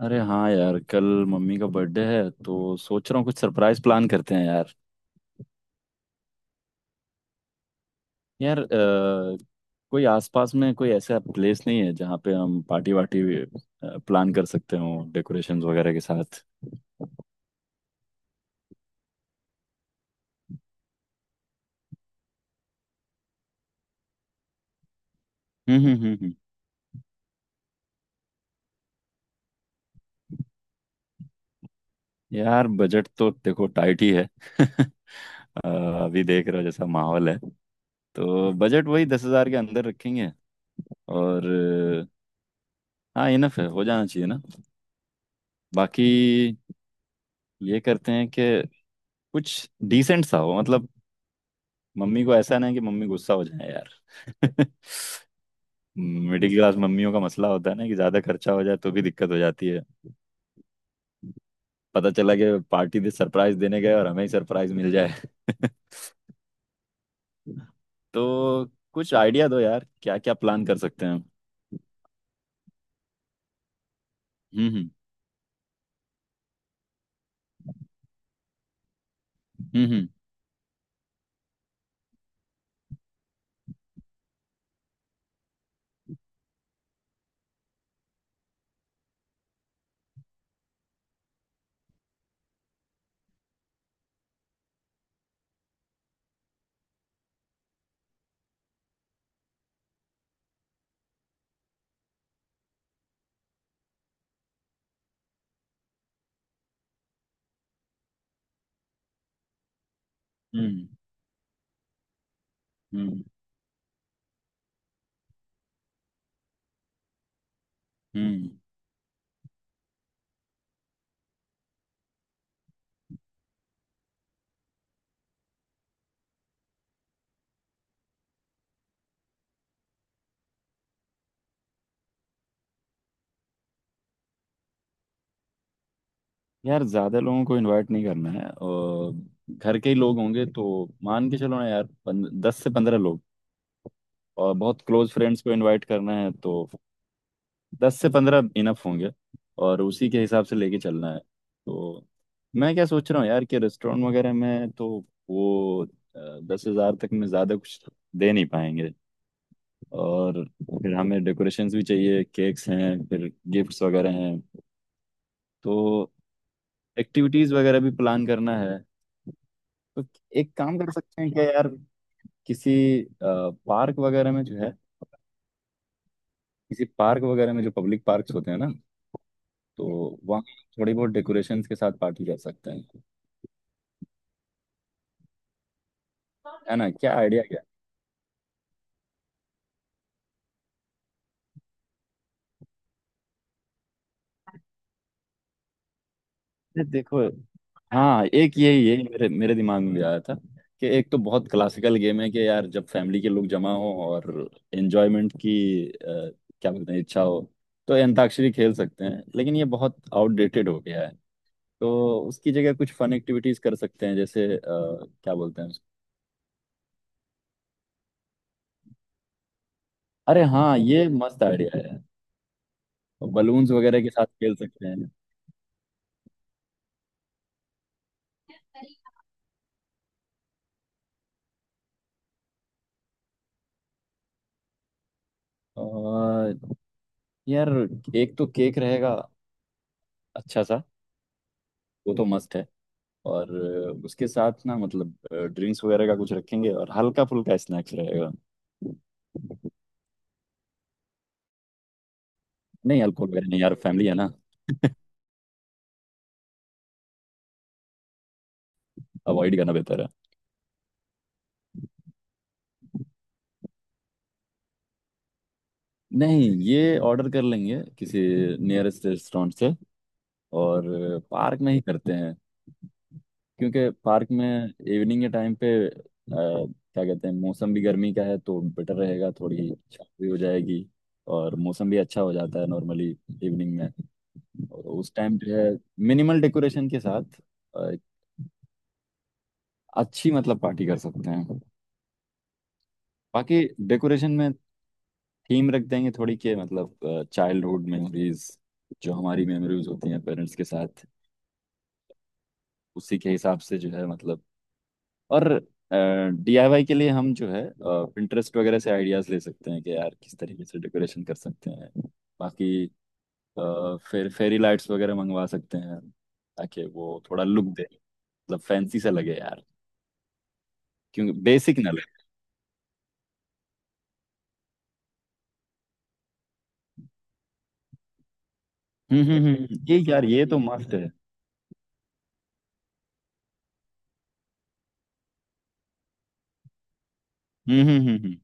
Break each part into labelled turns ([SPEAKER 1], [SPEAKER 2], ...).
[SPEAKER 1] अरे हाँ यार, कल मम्मी का बर्थडे है तो सोच रहा हूँ कुछ सरप्राइज प्लान करते हैं यार। यार कोई आसपास में कोई ऐसा प्लेस नहीं है जहाँ पे हम पार्टी वार्टी प्लान कर सकते हो डेकोरेशंस वगैरह के साथ। हम्म हम्म हम्म हम्म। यार बजट तो देखो टाइट ही है। अ, अभी देख रहे हो जैसा माहौल है तो बजट वही 10,000 के अंदर रखेंगे। और हाँ इनफ है, हो जाना चाहिए ना। बाकी ये करते हैं कि कुछ डिसेंट सा हो मतलब, मम्मी को ऐसा ना कि मम्मी गुस्सा हो जाए यार। मिडिल क्लास मम्मियों का मसला होता है ना कि ज्यादा खर्चा हो जाए तो भी दिक्कत हो जाती है। पता चला कि पार्टी दे सरप्राइज देने गए और हमें ही सरप्राइज मिल जाए। तो कुछ आइडिया दो यार, क्या क्या प्लान कर सकते हैं हम? हम्म हम्म हम्म हम्म हम्म हम्म। यार ज्यादा लोगों को इनवाइट नहीं करना है और घर के ही लोग होंगे तो मान के चलो ना यार पन, 10 से 15 लोग। और बहुत क्लोज फ्रेंड्स को इनवाइट करना है तो 10 से 15 इनफ होंगे और उसी के हिसाब से लेके चलना है। तो मैं क्या सोच रहा हूँ यार कि रेस्टोरेंट वगैरह में तो वो 10,000 तक में ज़्यादा कुछ दे नहीं पाएंगे। और फिर हमें डेकोरेशंस भी चाहिए, केक्स हैं, फिर गिफ्ट्स वगैरह हैं तो एक्टिविटीज़ वगैरह भी प्लान करना है। तो एक काम कर सकते हैं क्या यार, किसी पार्क वगैरह में जो है, किसी पार्क वगैरह में जो पब्लिक पार्क्स होते हैं ना, तो वहाँ थोड़ी बहुत डेकोरेशंस के साथ पार्टी कर सकते हैं। है ना, क्या आइडिया क्या। ये देखो। हाँ एक यही यही मेरे मेरे दिमाग में भी आया था कि एक तो बहुत क्लासिकल गेम है कि यार जब फैमिली के लोग जमा हो और एंजॉयमेंट की अ, क्या बोलते हैं इच्छा हो, तो ये अंताक्षरी खेल सकते हैं, लेकिन ये बहुत आउटडेटेड हो गया है। तो उसकी जगह कुछ फन एक्टिविटीज कर सकते हैं जैसे क्या बोलते हैं उसको। अरे हाँ ये मस्त आइडिया है। बलून्स वगैरह के साथ खेल सकते हैं। और यार एक तो केक रहेगा अच्छा सा, वो तो मस्त है। और उसके साथ ना मतलब ड्रिंक्स वगैरह का कुछ रखेंगे और हल्का फुल्का स्नैक्स रहेगा। नहीं अल्कोहल वगैरह नहीं यार, फैमिली है ना, अवॉइड करना बेहतर है। नहीं ये ऑर्डर कर लेंगे किसी नियरेस्ट रेस्टोरेंट से और पार्क में ही करते हैं। क्योंकि पार्क में इवनिंग के टाइम पे क्या कहते हैं मौसम भी गर्मी का है तो बेटर रहेगा, थोड़ी छाँव भी हो जाएगी और मौसम भी अच्छा हो जाता है नॉर्मली इवनिंग में। और उस टाइम जो है मिनिमल डेकोरेशन के साथ अच्छी मतलब पार्टी कर सकते हैं। बाकी डेकोरेशन में थीम रख देंगे थोड़ी के मतलब चाइल्डहुड मेमोरीज, जो हमारी मेमोरीज होती हैं पेरेंट्स के साथ, उसी के हिसाब से जो है मतलब। और डीआईवाई के लिए हम जो है पिंटरेस्ट वगैरह से आइडियाज ले सकते हैं कि यार किस तरीके से डेकोरेशन कर सकते हैं। बाकी फिर फेरी लाइट्स वगैरह मंगवा सकते हैं ताकि वो थोड़ा लुक दे, मतलब फैंसी सा लगे यार, क्योंकि बेसिक ना लगे। हम्म, ये यार ये तो मस्त है। हम्म हम्म हम्म हम्म।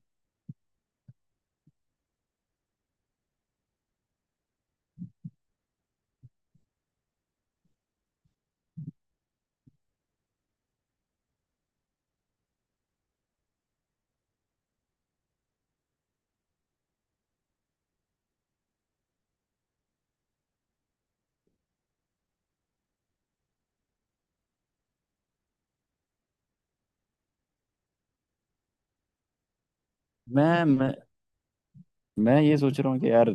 [SPEAKER 1] मैं मैं मैं ये सोच रहा हूँ कि यार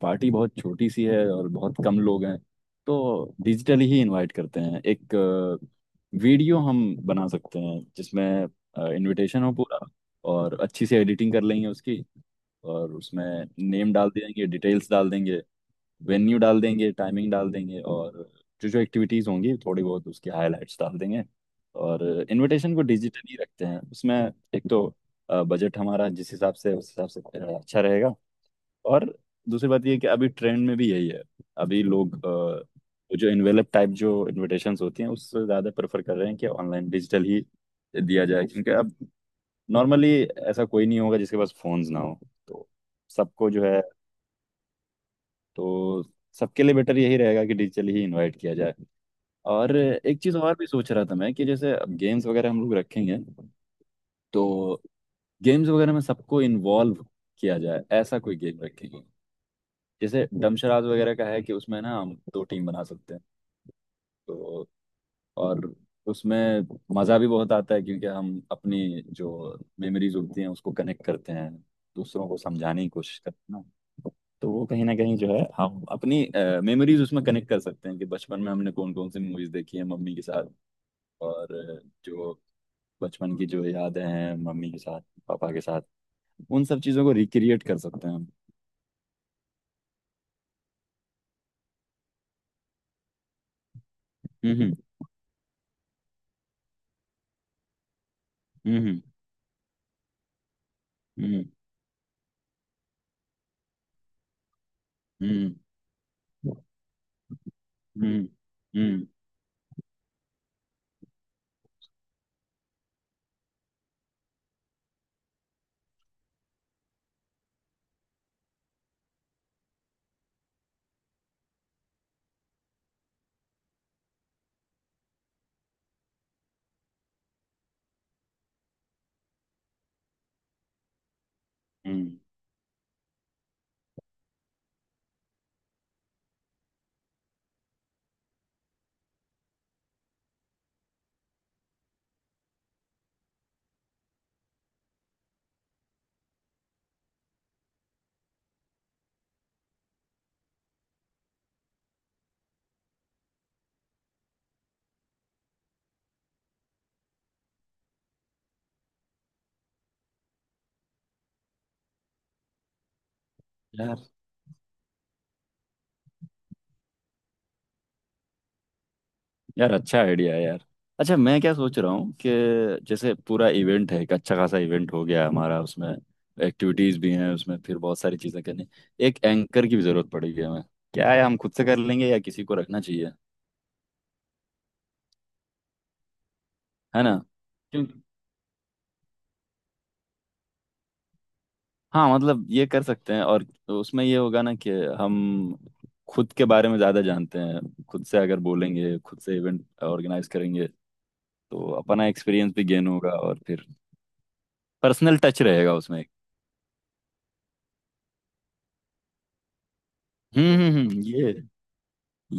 [SPEAKER 1] पार्टी बहुत छोटी सी है और बहुत कम लोग हैं, तो डिजिटली ही इनवाइट करते हैं। एक वीडियो हम बना सकते हैं जिसमें इनविटेशन हो पूरा और अच्छी सी एडिटिंग कर लेंगे उसकी। और उसमें नेम डाल देंगे, डिटेल्स डाल देंगे, वेन्यू डाल देंगे, टाइमिंग डाल देंगे और जो जो एक्टिविटीज़ होंगी थोड़ी बहुत उसकी हाइलाइट्स डाल देंगे। और इनविटेशन को डिजिटली रखते हैं, उसमें एक तो बजट हमारा जिस हिसाब से उस हिसाब से अच्छा रहेगा। और दूसरी बात ये है कि अभी ट्रेंड में भी यही है, अभी लोग वो जो इनवेलप टाइप जो इनविटेशंस होती हैं उससे ज़्यादा प्रेफर कर रहे हैं कि ऑनलाइन डिजिटल ही दिया जाए। क्योंकि अब नॉर्मली ऐसा कोई नहीं होगा जिसके पास फोन्स ना हो। तो सबको जो है, तो सबके लिए बेटर यही रहेगा कि डिजिटली ही इनवाइट किया जाए। और एक चीज़ और भी सोच रहा था मैं कि जैसे अब गेम्स वगैरह हम लोग रखेंगे, तो गेम्स वगैरह में सबको इन्वॉल्व किया जाए, ऐसा कोई गेम रखेंगे जैसे डमशराज वगैरह का है कि उसमें ना हम दो टीम बना सकते हैं। तो और उसमें मज़ा भी बहुत आता है क्योंकि हम अपनी जो मेमोरीज होती हैं उसको कनेक्ट करते हैं, दूसरों को समझाने की कोशिश करते हैं ना। तो वो कहीं ना कहीं जो है हम अपनी मेमोरीज उसमें कनेक्ट कर सकते हैं कि बचपन में हमने कौन कौन सी मूवीज देखी है मम्मी के साथ। और जो बचपन की जो यादें हैं मम्मी के साथ, पापा के साथ, उन सब चीज़ों को रिक्रिएट कर सकते हैं हम। हम्म हम्म हम्म हम्म हम्म। हम्म हम्म हम्म। यार यार अच्छा आइडिया है यार। अच्छा मैं क्या सोच रहा हूँ कि जैसे पूरा इवेंट है, एक अच्छा खासा इवेंट हो गया हमारा, उसमें एक्टिविटीज भी हैं, उसमें फिर बहुत सारी चीजें करनी। एक एंकर की भी जरूरत पड़ेगी हमें, क्या है हम खुद से कर लेंगे या किसी को रखना चाहिए। है ना, क्योंकि हाँ मतलब ये कर सकते हैं और उसमें ये होगा ना कि हम खुद के बारे में ज्यादा जानते हैं, खुद से अगर बोलेंगे, खुद से इवेंट ऑर्गेनाइज करेंगे तो अपना एक्सपीरियंस भी गेन होगा और फिर पर्सनल टच रहेगा उसमें। हम्म हम्म हम्म, ये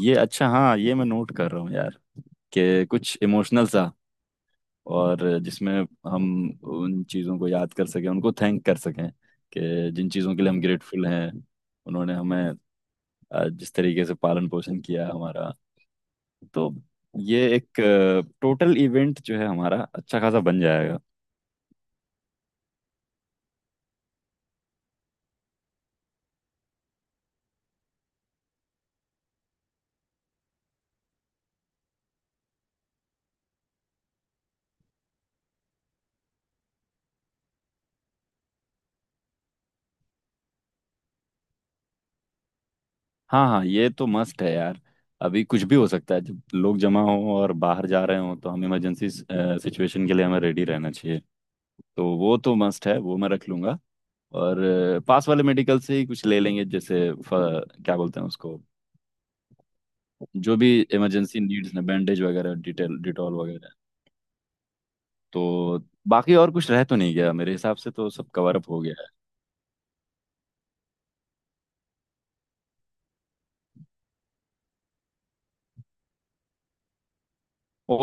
[SPEAKER 1] ये अच्छा हाँ, ये मैं नोट कर रहा हूँ यार कि कुछ इमोशनल सा। और जिसमें हम उन चीज़ों को याद कर सकें, उनको थैंक कर सकें कि जिन चीज़ों के लिए हम ग्रेटफुल हैं, उन्होंने हमें जिस तरीके से पालन पोषण किया हमारा। तो ये एक टोटल इवेंट जो है हमारा अच्छा खासा बन जाएगा। हाँ हाँ ये तो मस्ट है यार, अभी कुछ भी हो सकता है जब लोग जमा हों और बाहर जा रहे हों तो हम इमरजेंसी सिचुएशन के लिए हमें रेडी रहना चाहिए। तो वो तो मस्ट है, वो मैं रख लूंगा। और पास वाले मेडिकल से ही कुछ ले लेंगे जैसे क्या बोलते हैं उसको, जो भी इमरजेंसी नीड्स ने बैंडेज वगैरह, डिटेल डिटॉल वगैरह। तो बाकी और कुछ रह तो नहीं गया मेरे हिसाब से, तो सब कवर अप हो गया है।